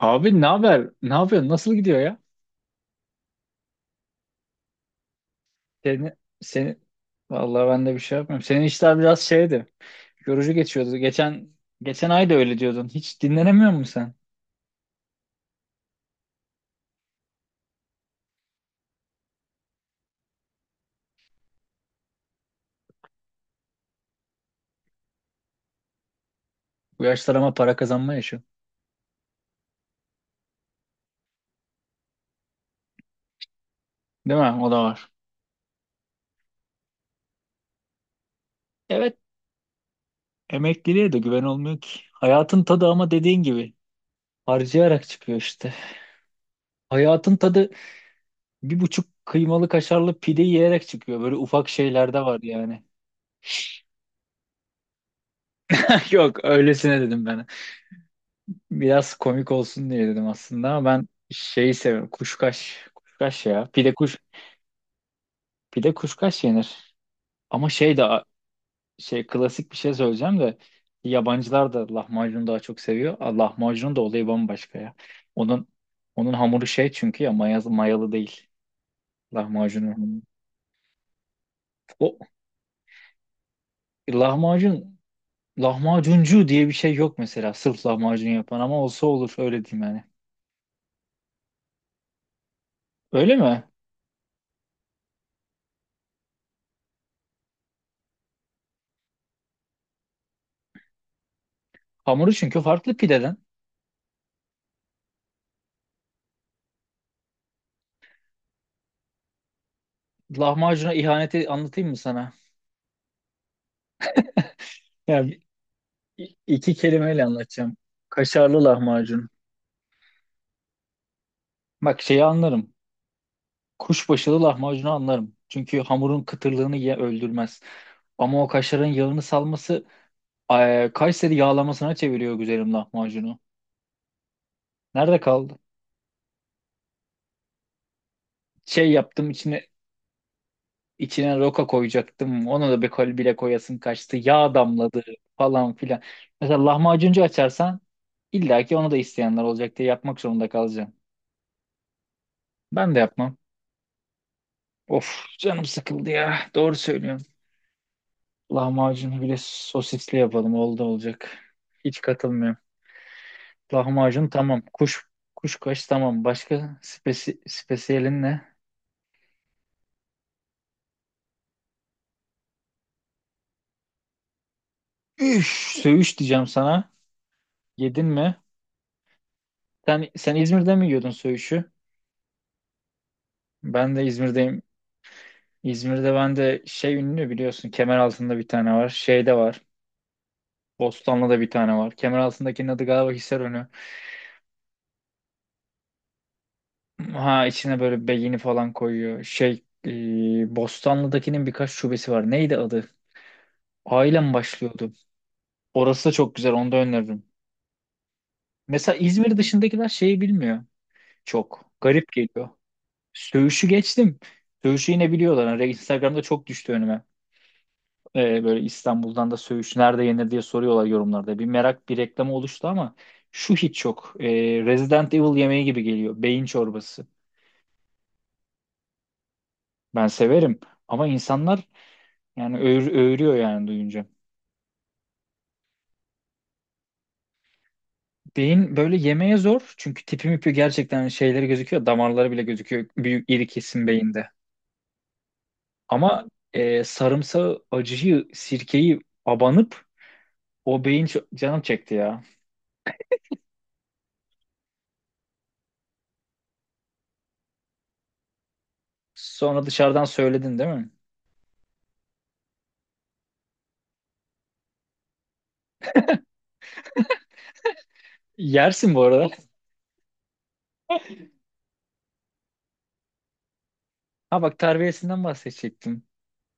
Abi ne haber? Ne yapıyorsun? Nasıl gidiyor ya? Seni, seni vallahi ben de bir şey yapmıyorum. Senin işler biraz şeydi. Yorucu geçiyordu. Geçen ay da öyle diyordun. Hiç dinlenemiyor musun sen? Bu yaşlar ama para kazanma yaşı. Değil mi? O da var. Evet. Emekliliğe de güven olmuyor ki. Hayatın tadı, ama dediğin gibi, harcayarak çıkıyor işte. Hayatın tadı bir buçuk kıymalı kaşarlı pide yiyerek çıkıyor. Böyle ufak şeylerde var yani. Yok, öylesine dedim ben. Biraz komik olsun diye dedim aslında, ama ben şeyi seviyorum. Kuşkaş. Kuşkaş ya. Pide kuşkaş yenir. Ama şey de şey, klasik bir şey söyleyeceğim de, yabancılar da lahmacunu daha çok seviyor. Ah, lahmacunun da olayı bambaşka ya. Onun onun hamuru şey, çünkü ya mayalı değil. Lahmacunun hamuru. O lahmacun lahmacuncu diye bir şey yok mesela. Sırf lahmacun yapan, ama olsa olur, öyle diyeyim yani. Öyle mi? Hamuru çünkü farklı pideden. Lahmacuna ihaneti anlatayım mı sana? Ya, iki kelimeyle anlatacağım. Kaşarlı lahmacun. Bak, şeyi anlarım. Kuşbaşılı lahmacunu anlarım. Çünkü hamurun kıtırlığını ye öldürmez. Ama o kaşarın yağını salması Kayseri yağlamasına çeviriyor güzelim lahmacunu. Nerede kaldı? Şey yaptım içine roka koyacaktım. Ona da bir kol bile koyasın kaçtı. Yağ damladı falan filan. Mesela lahmacuncu açarsan, illa ki onu da isteyenler olacak diye yapmak zorunda kalacağım. Ben de yapmam. Of, canım sıkıldı ya. Doğru söylüyorsun. Lahmacunu bile sosisli yapalım. Oldu olacak. Hiç katılmıyorum. Lahmacun tamam. Kuşkaş tamam. Başka spesiyelin ne? Üf, söğüş diyeceğim sana. Yedin mi? Sen İzmir'de mi yiyordun söğüşü? Ben de İzmir'deyim. İzmir'de ben de şey ünlü, biliyorsun. Kemeraltı'nda bir tane var. Şeyde var. Bostanlı'da bir tane var. Kemeraltı'ndakinin adı galiba Hisarönü. Ha, içine böyle beyni falan koyuyor. Şey, Bostanlı'dakinin birkaç şubesi var. Neydi adı? Ailem başlıyordu. Orası da çok güzel. Onu da öneririm. Mesela İzmir dışındakiler şeyi bilmiyor. Çok. Garip geliyor. Söğüş'ü geçtim. Söğüş'ü yine biliyorlar. Hani, Instagram'da çok düştü önüme. Böyle İstanbul'dan da söğüş nerede yenir diye soruyorlar yorumlarda. Bir merak, bir reklamı oluştu ama şu hiç yok. Resident Evil yemeği gibi geliyor. Beyin çorbası. Ben severim. Ama insanlar, yani öğürüyor yani duyunca. Beyin böyle yemeye zor. Çünkü tipi mipi, gerçekten şeyleri gözüküyor. Damarları bile gözüküyor. Büyük iri kesim beyinde. Ama sarımsağı, acıyı, sirkeyi abanıp o beyin canım çekti ya. Sonra dışarıdan söyledin, değil mi? Yersin bu arada. Ha bak, terbiyesinden bahsedecektim.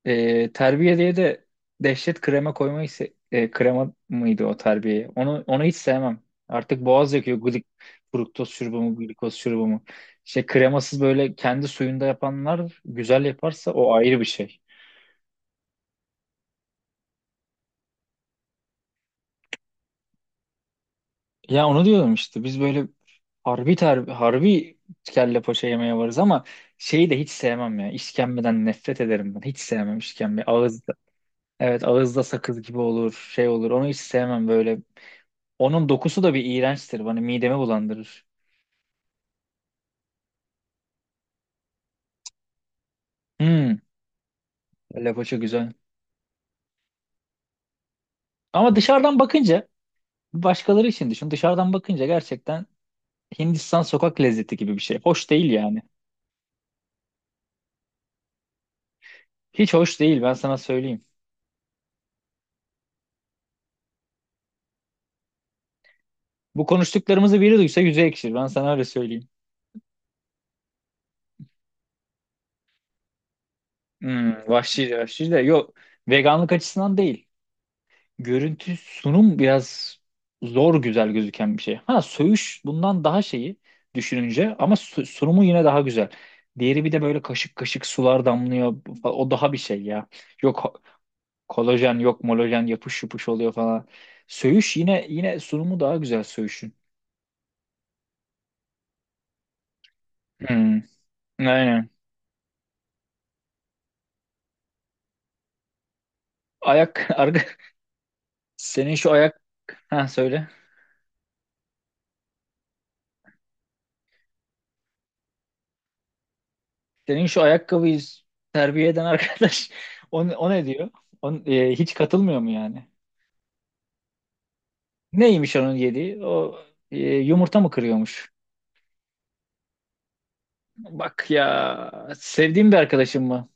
Terbiye diye de dehşet krema koymayı krema mıydı o terbiye? Onu hiç sevmem. Artık boğaz yakıyor, fruktoz şurubu mu, glikoz şurubu mu. Şey, kremasız böyle kendi suyunda yapanlar güzel yaparsa, o ayrı bir şey. Ya, onu diyordum işte, biz böyle harbi kelle paça yemeye varız, ama şeyi de hiç sevmem ya. İşkembeden nefret ederim ben. Hiç sevmem işkembe. Ağızda, evet, ağızda sakız gibi olur, şey olur. Onu hiç sevmem böyle. Onun dokusu da bir iğrençtir. Bana midemi bulandırır. Hmm, lavaşa güzel. Ama dışarıdan bakınca, başkaları için düşün. Dışarıdan bakınca gerçekten Hindistan sokak lezzeti gibi bir şey. Hoş değil yani. Hiç hoş değil, ben sana söyleyeyim. Bu konuştuklarımızı biri duysa yüzü ekşir. Ben sana öyle söyleyeyim. Hmm, vahşi vahşi de. Yok, veganlık açısından değil. Görüntü, sunum biraz zor güzel gözüken bir şey. Ha, söğüş bundan daha şeyi düşününce, ama sunumu yine daha güzel. Diğeri bir de böyle kaşık kaşık sular damlıyor. O daha bir şey ya. Yok kolajen, yok molajen, yapış yapış oluyor falan. Söğüş yine sunumu daha güzel söğüşün. Hmm, aynen. Ayak arka, senin şu ayak, ha söyle. Senin şu ayakkabıyı terbiye eden arkadaş o ne diyor? O, hiç katılmıyor mu yani? Neymiş onun yediği? O, yumurta mı kırıyormuş? Bak ya, sevdiğim bir arkadaşım mı?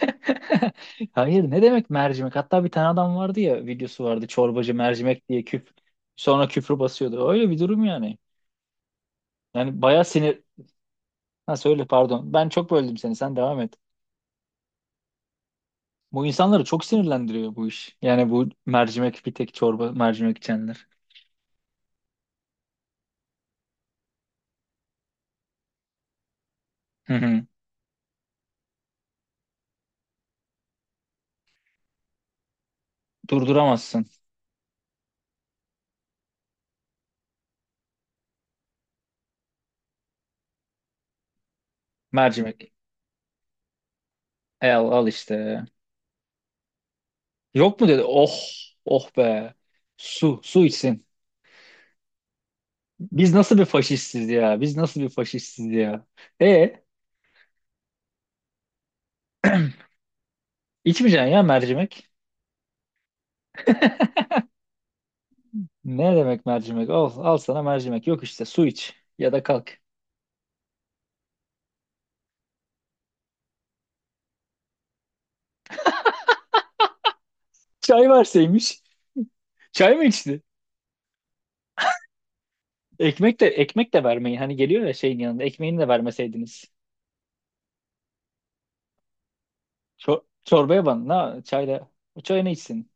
Hayır, ne demek mercimek? Hatta bir tane adam vardı ya, videosu vardı çorbacı mercimek diye küp, sonra küfür basıyordu. Öyle bir durum yani. Yani bayağı sinir. Ha söyle, pardon. Ben çok böldüm seni. Sen devam et. Bu insanları çok sinirlendiriyor bu iş. Yani bu mercimek, bir tek çorba mercimek içenler. Hı hı. Durduramazsın. Mercimek. Al, al işte. Yok mu dedi. Oh, oh be. Su içsin. Biz nasıl bir faşistiz ya? Biz nasıl bir faşistiz ya? E, içmeyeceksin ya mercimek. Ne demek mercimek? Al, al sana mercimek. Yok işte, su iç ya da kalk. Çay verseymiş. Çay mı içti? Ekmek de vermeyin. Hani geliyor ya şeyin yanında. Ekmeğini de vermeseydiniz. Çorbaya ban. Na çayla. O çayını içsin.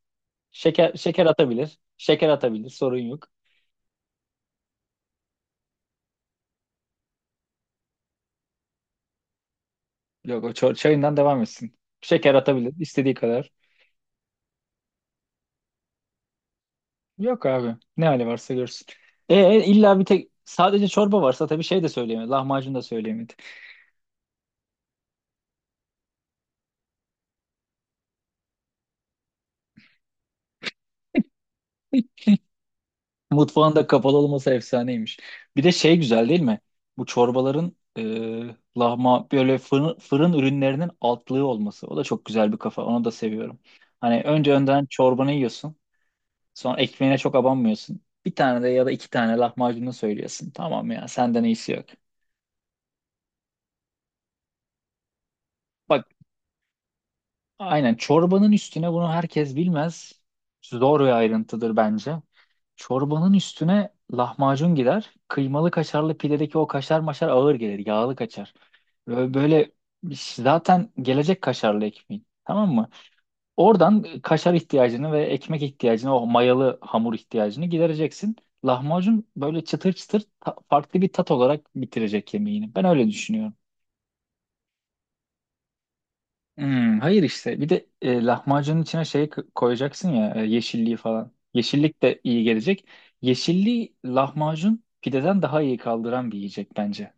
Şeker atabilir. Şeker atabilir. Sorun yok. Yok, o çayından devam etsin. Şeker atabilir istediği kadar. Yok abi. Ne hali varsa görsün. İlla bir tek, sadece çorba varsa tabii, şey de söyleyemedi. Lahmacun da söyleyemedi. Mutfağın da kapalı olması efsaneymiş. Bir de şey güzel değil mi? Bu çorbaların, e, lahma böyle fırın ürünlerinin altlığı olması. O da çok güzel bir kafa. Onu da seviyorum. Hani, önce önden çorbanı yiyorsun. Sonra ekmeğine çok abanmıyorsun. Bir tane, de ya da iki tane lahmacunu söylüyorsun. Tamam ya, senden iyisi yok. Bak, aynen, çorbanın üstüne, bunu herkes bilmez. Zor bir ayrıntıdır bence. Çorbanın üstüne lahmacun gider. Kıymalı kaşarlı pidedeki o kaşar maşar ağır gelir. Yağlı kaşar. Ve böyle zaten gelecek kaşarlı ekmeğin. Tamam mı? Oradan kaşar ihtiyacını ve ekmek ihtiyacını, o mayalı hamur ihtiyacını gidereceksin. Lahmacun böyle çıtır çıtır farklı bir tat olarak bitirecek yemeğini. Ben öyle düşünüyorum. Hmm, hayır işte. Bir de lahmacunun içine şey koyacaksın ya, yeşilliği falan. Yeşillik de iyi gelecek. Yeşilliği lahmacun pideden daha iyi kaldıran bir yiyecek bence.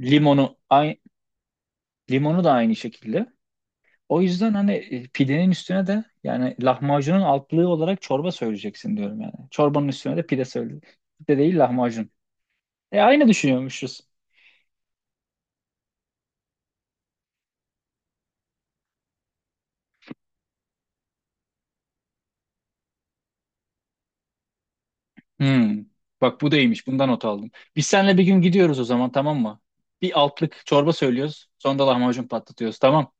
Limonu ay Limonu da aynı şekilde. O yüzden hani pidenin üstüne de, yani lahmacunun altlığı olarak çorba söyleyeceksin diyorum yani. Çorbanın üstüne de pide söyle. Pide değil, lahmacun. Aynı düşünüyormuşuz. Hmm. Bak, bu da iyiymiş. Bundan not aldım. Biz seninle bir gün gidiyoruz o zaman, tamam mı? Bir altlık çorba söylüyoruz. Sonra da lahmacun patlatıyoruz, tamam.